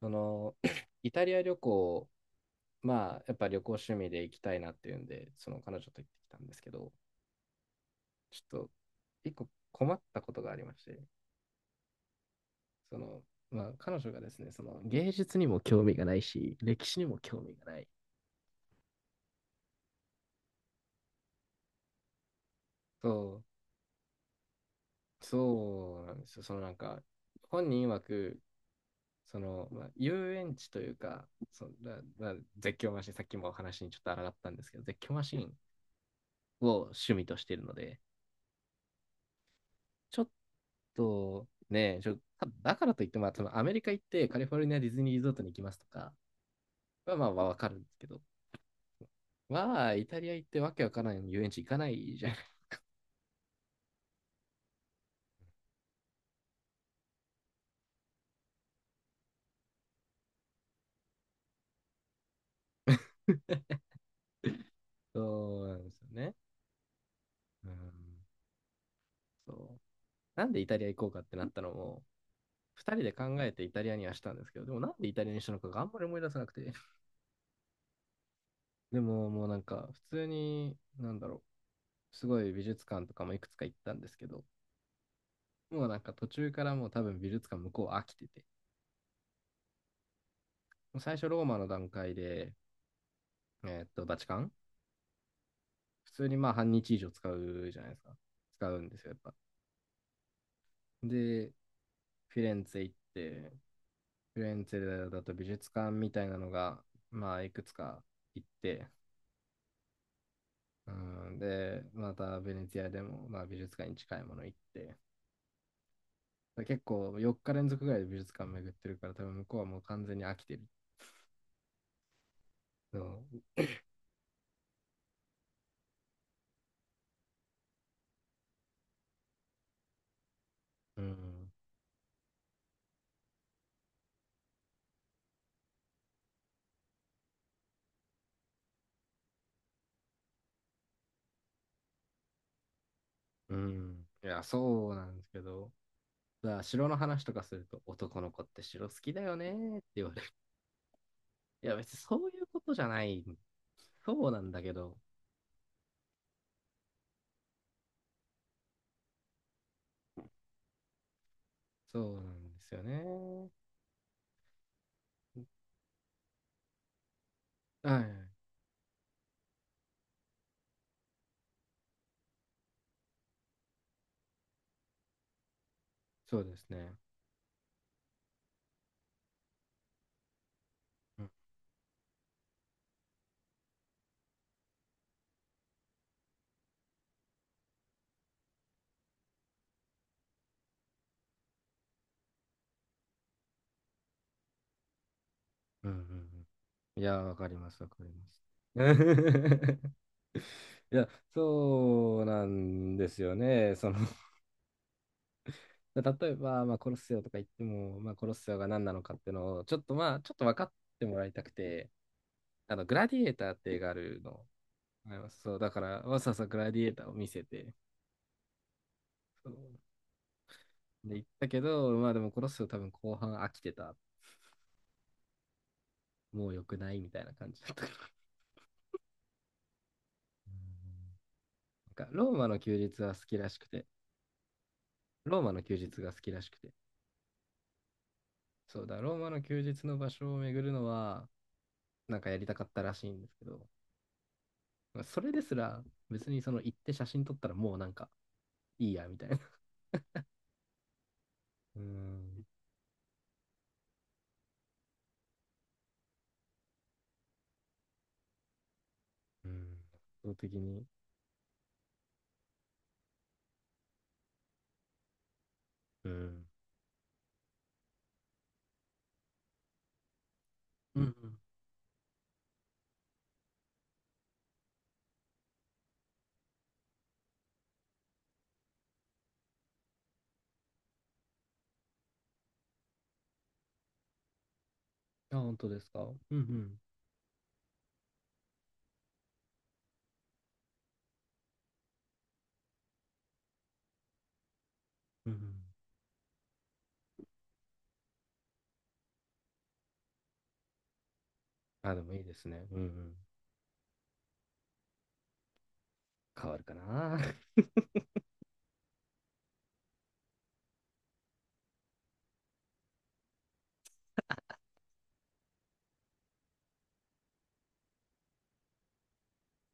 その イタリア旅行、やっぱ旅行趣味で行きたいなっていうんで、その彼女と行ってきたんですけど、ちょっと一個困ったことがありまして、その、彼女がですね、その芸術にも興味がないし、歴史にも興味がない。そそうなんですよ。本人曰く、遊園地というか、その絶叫マシン、さっきもお話にちょっと抗ったんですけど、絶叫マシンを趣味としているので、ちょっと、ね、ちょだからといっても、そのアメリカ行ってカリフォルニアディズニーリゾートに行きますとかは、まあ、わかるんですけど、まあ、イタリア行ってわけわからない遊園地行かないじゃん。そうなんですよね。うん、そう。なんでイタリア行こうかってなったのも、2人で考えてイタリアにはしたんですけど、でもなんでイタリアにしたのかがあんまり思い出せなくて。でももうなんか普通に、なんだろう、すごい美術館とかもいくつか行ったんですけど、もうなんか途中からもう多分美術館向こう飽きてて、もう最初ローマの段階でバチカン普通にまあ半日以上使うじゃないですか。使うんですよ、やっぱ。で、フィレンツェ行って、フィレンツェだと美術館みたいなのが、まあ、いくつか行って、うん、で、またベネツィアでも、まあ、美術館に近いもの行って、結構4日連続ぐらいで美術館巡ってるから、多分向こうはもう完全に飽きてる。うん、うん。いや、そうなんですけど、だから城の話とかすると、男の子って城好きだよねって言われいや、別にそういうことじゃない。そうなんだけど、そうなんですよね。はい、そうですね。うんうんうんうん。いや、わかります、わかります。いや、そうなんですよね。その 例えば、まあ、コロッセオとか言っても、まあ、コロッセオが何なのかっていうのを、ちょっと分かってもらいたくて、あの、グラディエーターって映画あるの、あります。そう、だから、わざわざグラディエーターを見せて、そうで、言ったけど、まあでもこの人多分後半飽きてた。もう良くないみたいな感じだったから。なんかローマの休日は好きらしくて、ローマの休日が好きらしくて、そうだ、ローマの休日の場所を巡るのは、なんかやりたかったらしいんですけど、まあそれですら別にその行って写真撮ったらもうなんかいいやみたいな。うーん。うん。圧倒的に。うん。うんうん。あ、本当ですか。うんうん。うんうん。あ、でもいいですね。うんうん。変わるかな。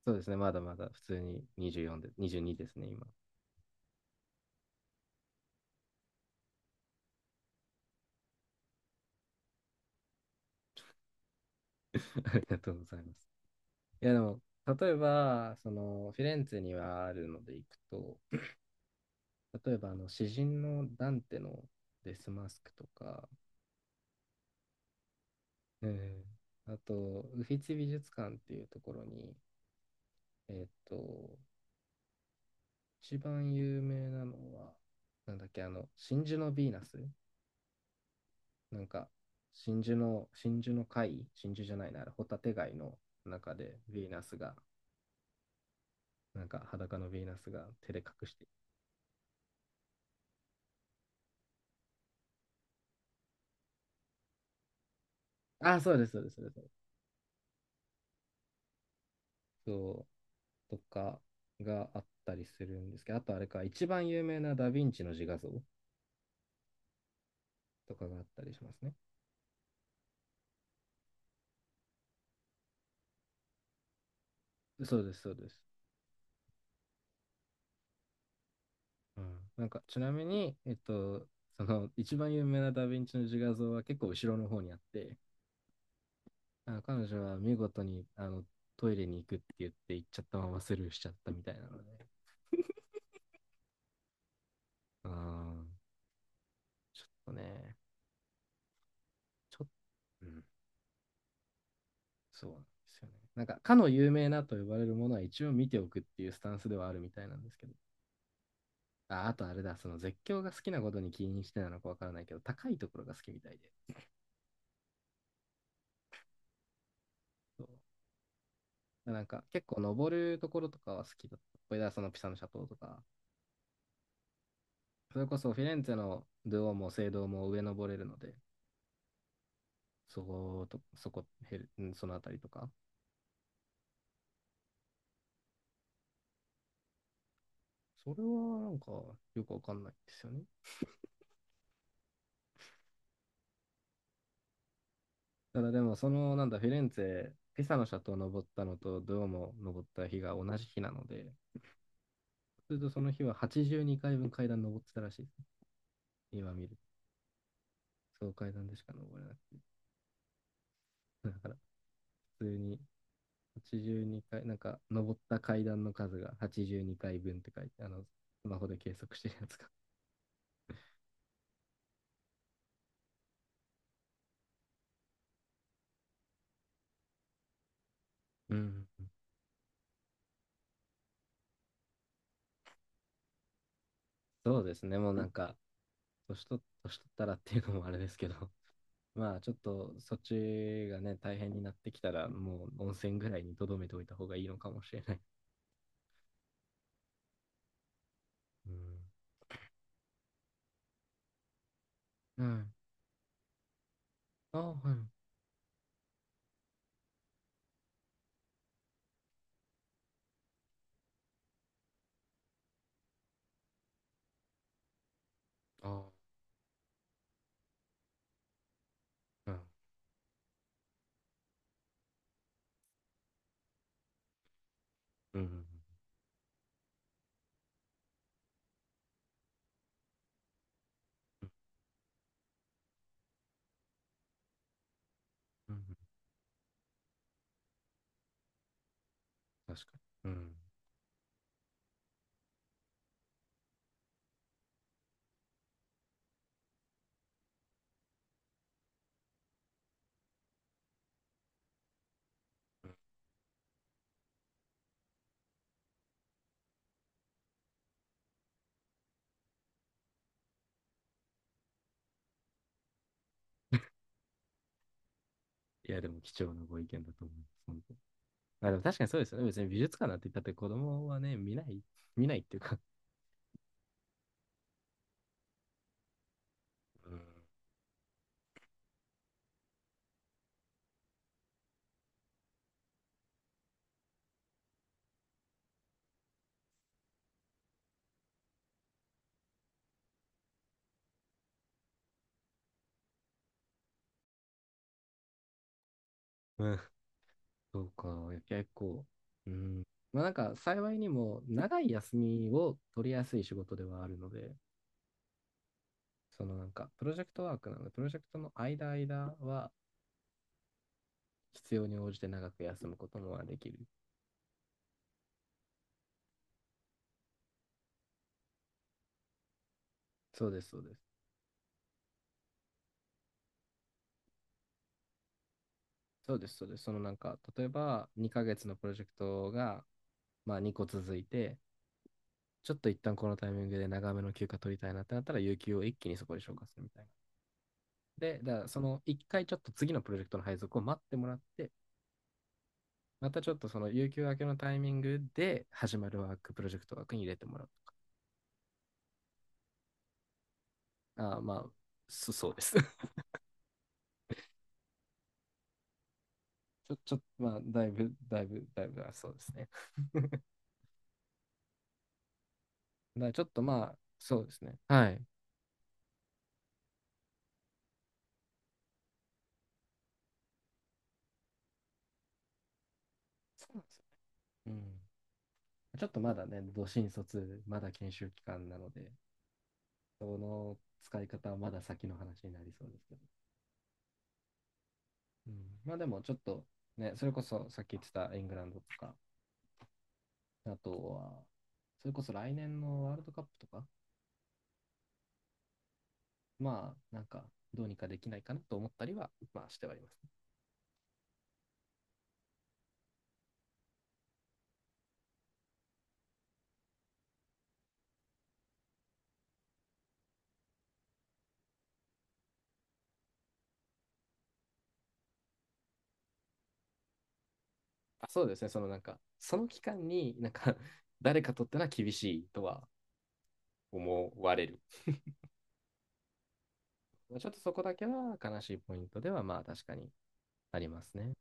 そうですね、まだまだ普通に24で、22ですね、今。ありがとうございます。いや、でも、例えば、その、フィレンツェにはあるので行くと、例えば、あの、詩人のダンテのデスマスクとか、えあと、ウフィツィ美術館っていうところに、えーっと、一番有名なのは、なんだっけ、あの、真珠のヴィーナスなんか、真珠の貝真珠じゃないな、あれホタテ貝の中でヴィーナスがなんか裸のヴィーナスが手で隠して、あ、そうです、そうです、そうです。そう、とかがあったりするんですけど、あとあれか、一番有名なダヴィンチの自画像とかがあったりしますね。そうです、そうです。うん、なんかちなみに、えっと、その一番有名なダ・ヴィンチの自画像は結構後ろの方にあって、あの彼女は見事にあのトイレに行くって言って行っちゃったままスルーしちゃったみたいなので、あーちょっとね、ちょっと、うん、そうなんですよね。なんか、かの有名なと呼ばれるものは一応見ておくっていうスタンスではあるみたいなんですけど。あ、あとあれだ、その絶叫が好きなことに起因してなのかわからないけど、高いところが好きみたいで。そうなんか、結構登るところとかは好きだった。これだ、そのピサの斜塔とか。それこそフィレンツェのドゥオも聖堂も上登れるので、そこと、そこ、ヘルそのあたりとか。それはなんかよくわかんないですよね。ただでも、その、なんだ、フィレンツェ、ピサの斜塔登ったのと、ドゥオモ登った日が同じ日なので、それとその日は82回分階段登ってたらしいですね。今見る。そう階段でしか登れない。だから、普通に82回、なんか、登った階段の数が82回分って書いて、あの、スマホで計測してるやつが。うん。そうですね、もうなんか、年取ったらっていうのもあれですけど、まあちょっとそっちがね、大変になってきたら、もう温泉ぐらいにとどめておいた方がいいのかもしれない。うん。うん。あ、はい。あうん。うん。うんうんうん確かに。うん。いや、でも貴重なご意見だと思います。本当にまあでも確かにそうですよね。別に美術館なんて言ったって子供はね、見ないっていうか。うん。うんそうか。いや結構。うん。まあなんか幸いにも長い休みを取りやすい仕事ではあるので、そのなんかプロジェクトワークなので、プロジェクトの間は必要に応じて長く休むこともできる。そうです、そうです。そうです、そうです。そのなんか、例えば2ヶ月のプロジェクトが、まあ、2個続いて、ちょっと一旦このタイミングで長めの休暇取りたいなってなったら、有給を一気にそこで消化するみたいな。で、だからその1回ちょっと次のプロジェクトの配属を待ってもらって、またちょっとその有給明けのタイミングで始まるワーク、プロジェクト枠に入れてもらうとか。あーまあ、そうです。ちょ、ちょっと、まあ、だいぶ、あそうですね。だからちょっとまあ、そうですね。はい。そうなんですよ。うん。ちょっとまだね、ど新卒、まだ研修期間なので、その使い方はまだ先の話になりそうですけど。うん、まあでもちょっとね、それこそさっき言ってたイングランドとか、あとは、それこそ来年のワールドカップとか、まあなんかどうにかできないかなと思ったりは、まあしてはいます、ねあそうですね、そのなんか、その期間になんか 誰かとってのは厳しいとは思われる。ちょっとそこだけは悲しいポイントではまあ確かにありますね。